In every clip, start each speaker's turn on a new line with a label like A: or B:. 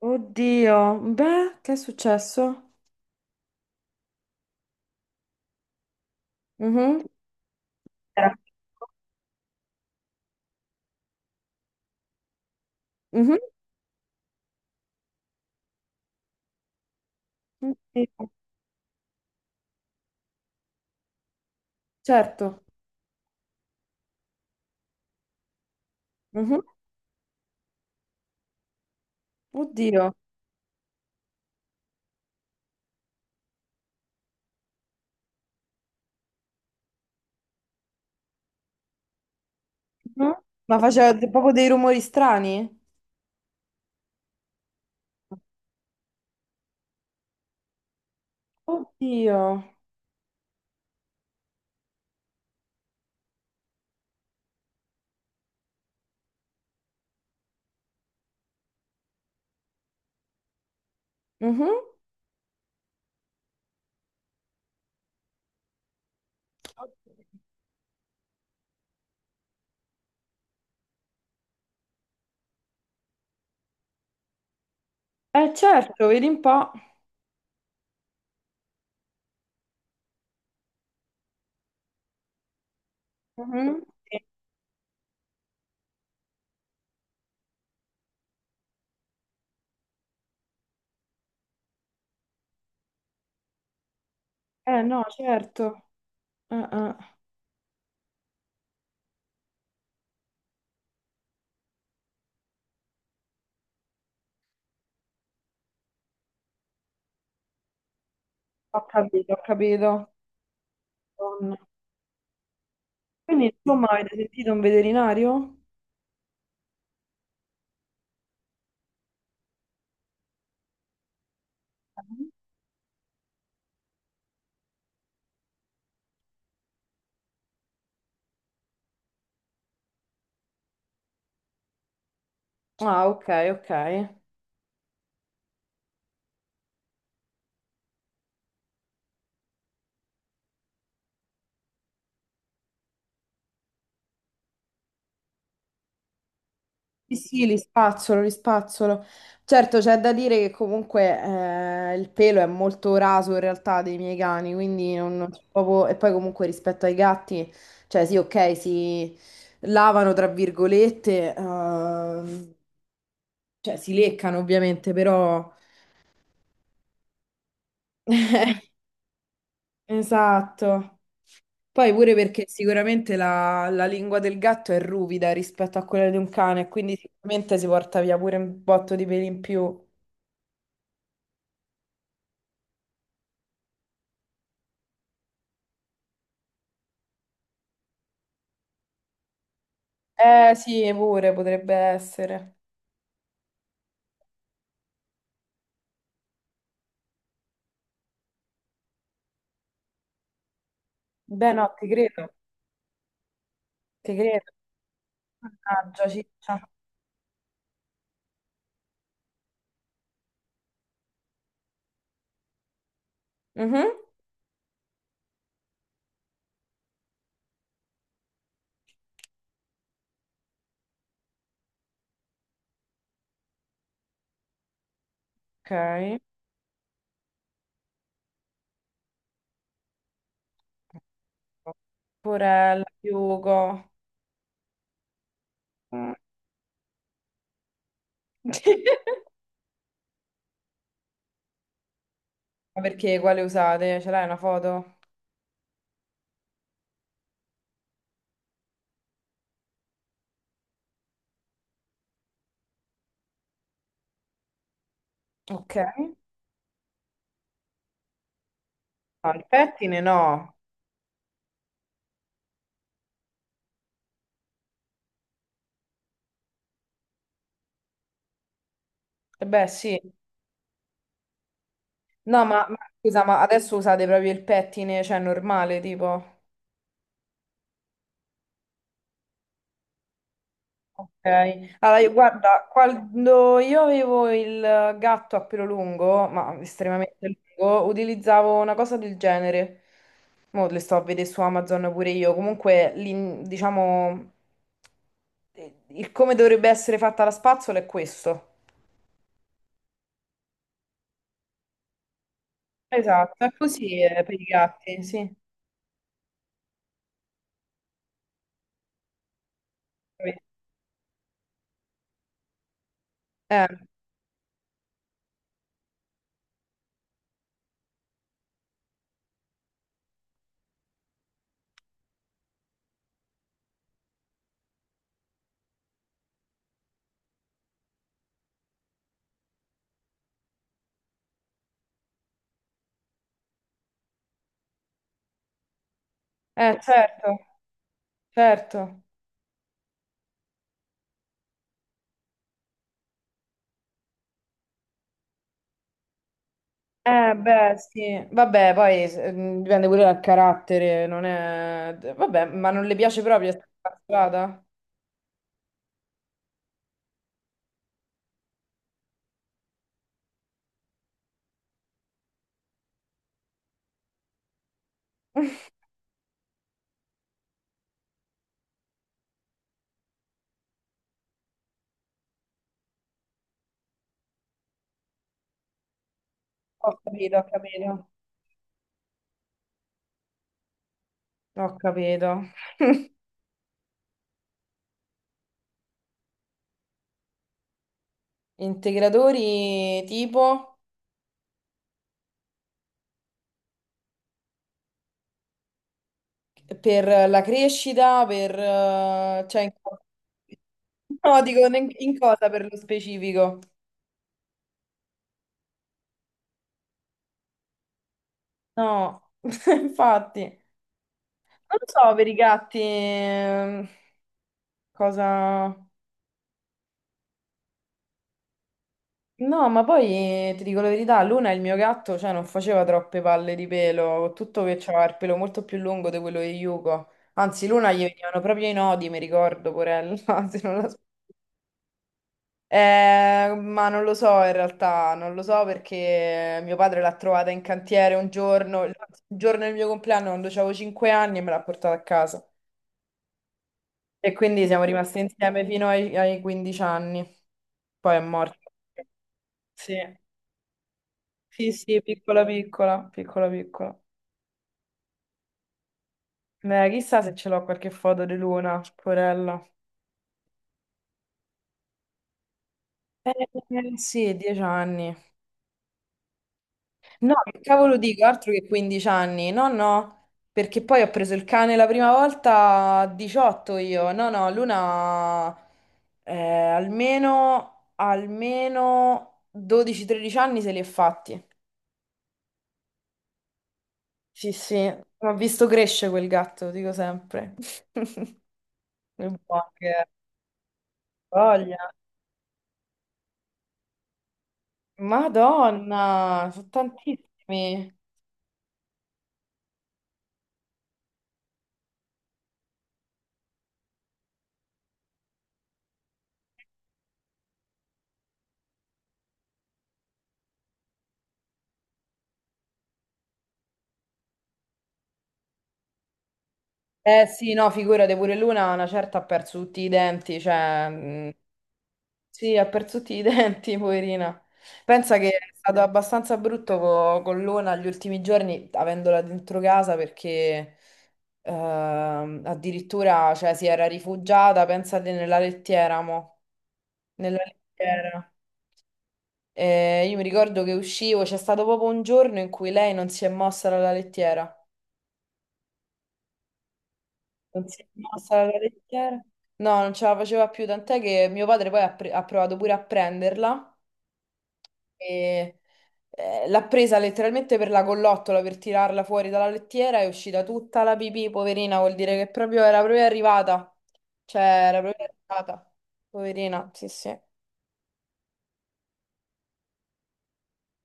A: Oddio, beh, che è successo? Mhm. Era- mhm. Oddio. Certo. Mhm. Oddio. Mhm. Ma faceva proprio dei rumori strani? Oddio. Mhm. Certo, vedi un po'. Mhm. Sì. No, certo. Eh, eh, Ho capito, ho capito. Madonna. Quindi, insomma, avete sentito un veterinario? Ah, ok, ok. Sì, sì, li spazzolo, li spazzolo. Certo, c'è da dire che comunque il pelo è molto raso in realtà dei miei cani, quindi non c'è proprio. E poi comunque rispetto ai gatti, cioè sì, ok, si lavano tra virgolette, cioè si leccano ovviamente, però. Esatto. Poi pure perché sicuramente la lingua del gatto è ruvida rispetto a quella di un cane, quindi sicuramente si porta via pure un botto di peli in più. Eh sì, pure potrebbe essere. Beh, no, ti credo, ti credo. Mannaggia, ciccia. Mhm. Ok. Porella, Hugo. Mm. Ma perché quale usate? Ce l'hai una foto? Ok. No, il pettine no. Eh, beh, sì. No, ma scusa, ma adesso usate proprio il pettine, cioè normale, tipo. Ok, allora guarda, quando io avevo il gatto a pelo lungo, ma estremamente lungo, utilizzavo una cosa del genere. Mo' le sto a vedere su Amazon pure io. Comunque, diciamo, il come dovrebbe essere fatta la spazzola è questo. Esatto, è così per i gatti, sì. Eh, eh, certo, certo. Beh, sì, vabbè, poi dipende pure dal carattere, non è. Vabbè, ma non le piace proprio essere incastrata? Ho capito, ho capito, ho capito. Integratori tipo per la crescita, per. Cioè, no, dico in cosa per lo specifico? No, infatti, non so per i gatti cosa. No, ma poi ti dico la verità, Luna, il mio gatto, cioè, non faceva troppe palle di pelo, con tutto che c'aveva il pelo molto più lungo di quello di Yuko. Anzi, Luna gli venivano proprio i nodi, mi ricordo, porella, se non la- sp- ma non lo so in realtà, non lo so perché mio padre l'ha trovata in cantiere un giorno, il giorno del mio compleanno, quando avevo 5 anni, e me l'ha portata a casa. E quindi siamo rimasti insieme fino ai 15 anni. Poi è morto. Sì. Sì, sì, piccola piccola, piccola piccola. Ma chissà se ce l'ho qualche foto di Luna, porella. Eh, sì, 10 anni. No, che cavolo dico, altro che 15 anni. No, no, perché poi ho preso il cane la prima volta a 18 io. No, no, Luna almeno, almeno 12-13 anni se li è fatti. Sì, sì, ho visto cresce quel gatto, dico sempre. Che buono che è. Voglia. Madonna, sono tantissimi. Eh sì, no, figurati, pure Luna una certa ha perso tutti i denti, cioè, sì, ha perso tutti i denti, poverina. Pensa che è stato abbastanza brutto con Luna gli ultimi giorni, avendola dentro casa, perché addirittura, cioè, si era rifugiata, pensate, nella lettiera, mo, nella lettiera. E io mi ricordo che uscivo, c'è stato proprio un giorno in cui lei non si è mossa dalla lettiera. Non si è mossa la lettiera? No, non ce la faceva più, tant'è che mio padre poi ha provato pure a prenderla e l'ha presa letteralmente per la collottola per tirarla fuori dalla lettiera, è uscita tutta la pipì, poverina, vuol dire che proprio era proprio arrivata. Cioè, era proprio arrivata. Poverina, sì, sì.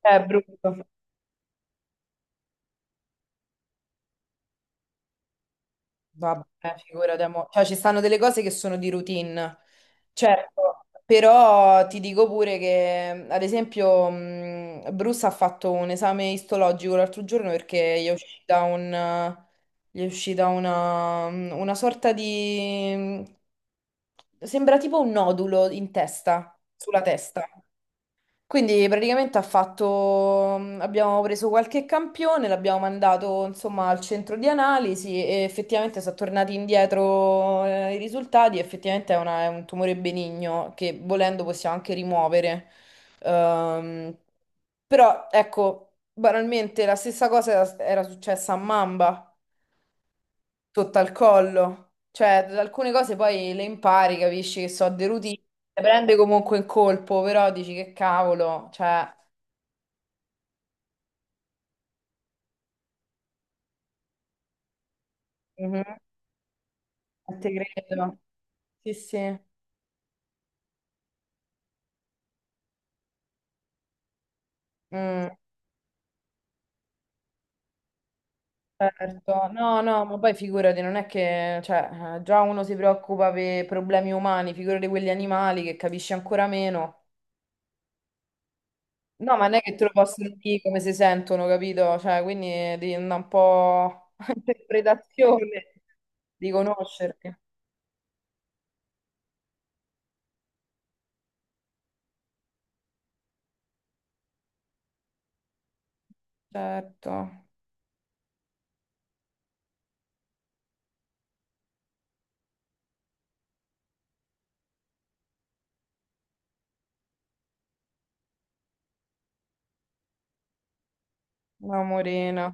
A: È brutto. Vabbè, figurati, amore. Cioè, ci stanno delle cose che sono di routine, certo, però ti dico pure che, ad esempio, Bruce ha fatto un esame istologico l'altro giorno perché gli è uscita una sorta di. Sembra tipo un nodulo in testa, sulla testa. Quindi praticamente ha fatto, abbiamo preso qualche campione, l'abbiamo mandato insomma al centro di analisi e effettivamente sono tornati indietro i risultati, effettivamente è, è un tumore benigno che volendo possiamo anche rimuovere. Ehm, però ecco, banalmente la stessa cosa era successa a Mamba, sotto al collo, cioè alcune cose poi le impari, capisci che so, deruti, le prende comunque in colpo, però dici che cavolo, cioè. A te credo. Sì, sì. Mm. Certo. No, no, ma poi figurati, non è che, cioè, già uno si preoccupa per problemi umani, figurati quelli animali che capisci ancora meno. No, ma non è che te lo possono dire come si sentono, capito? Cioè, quindi devi andare un po' a interpretazione di conoscerti. Certo, amorina,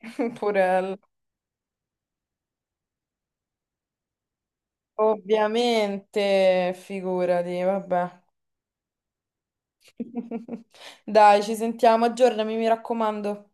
A: purella. Ovviamente, figurati, vabbè. Dai, ci sentiamo, aggiornami, mi raccomando.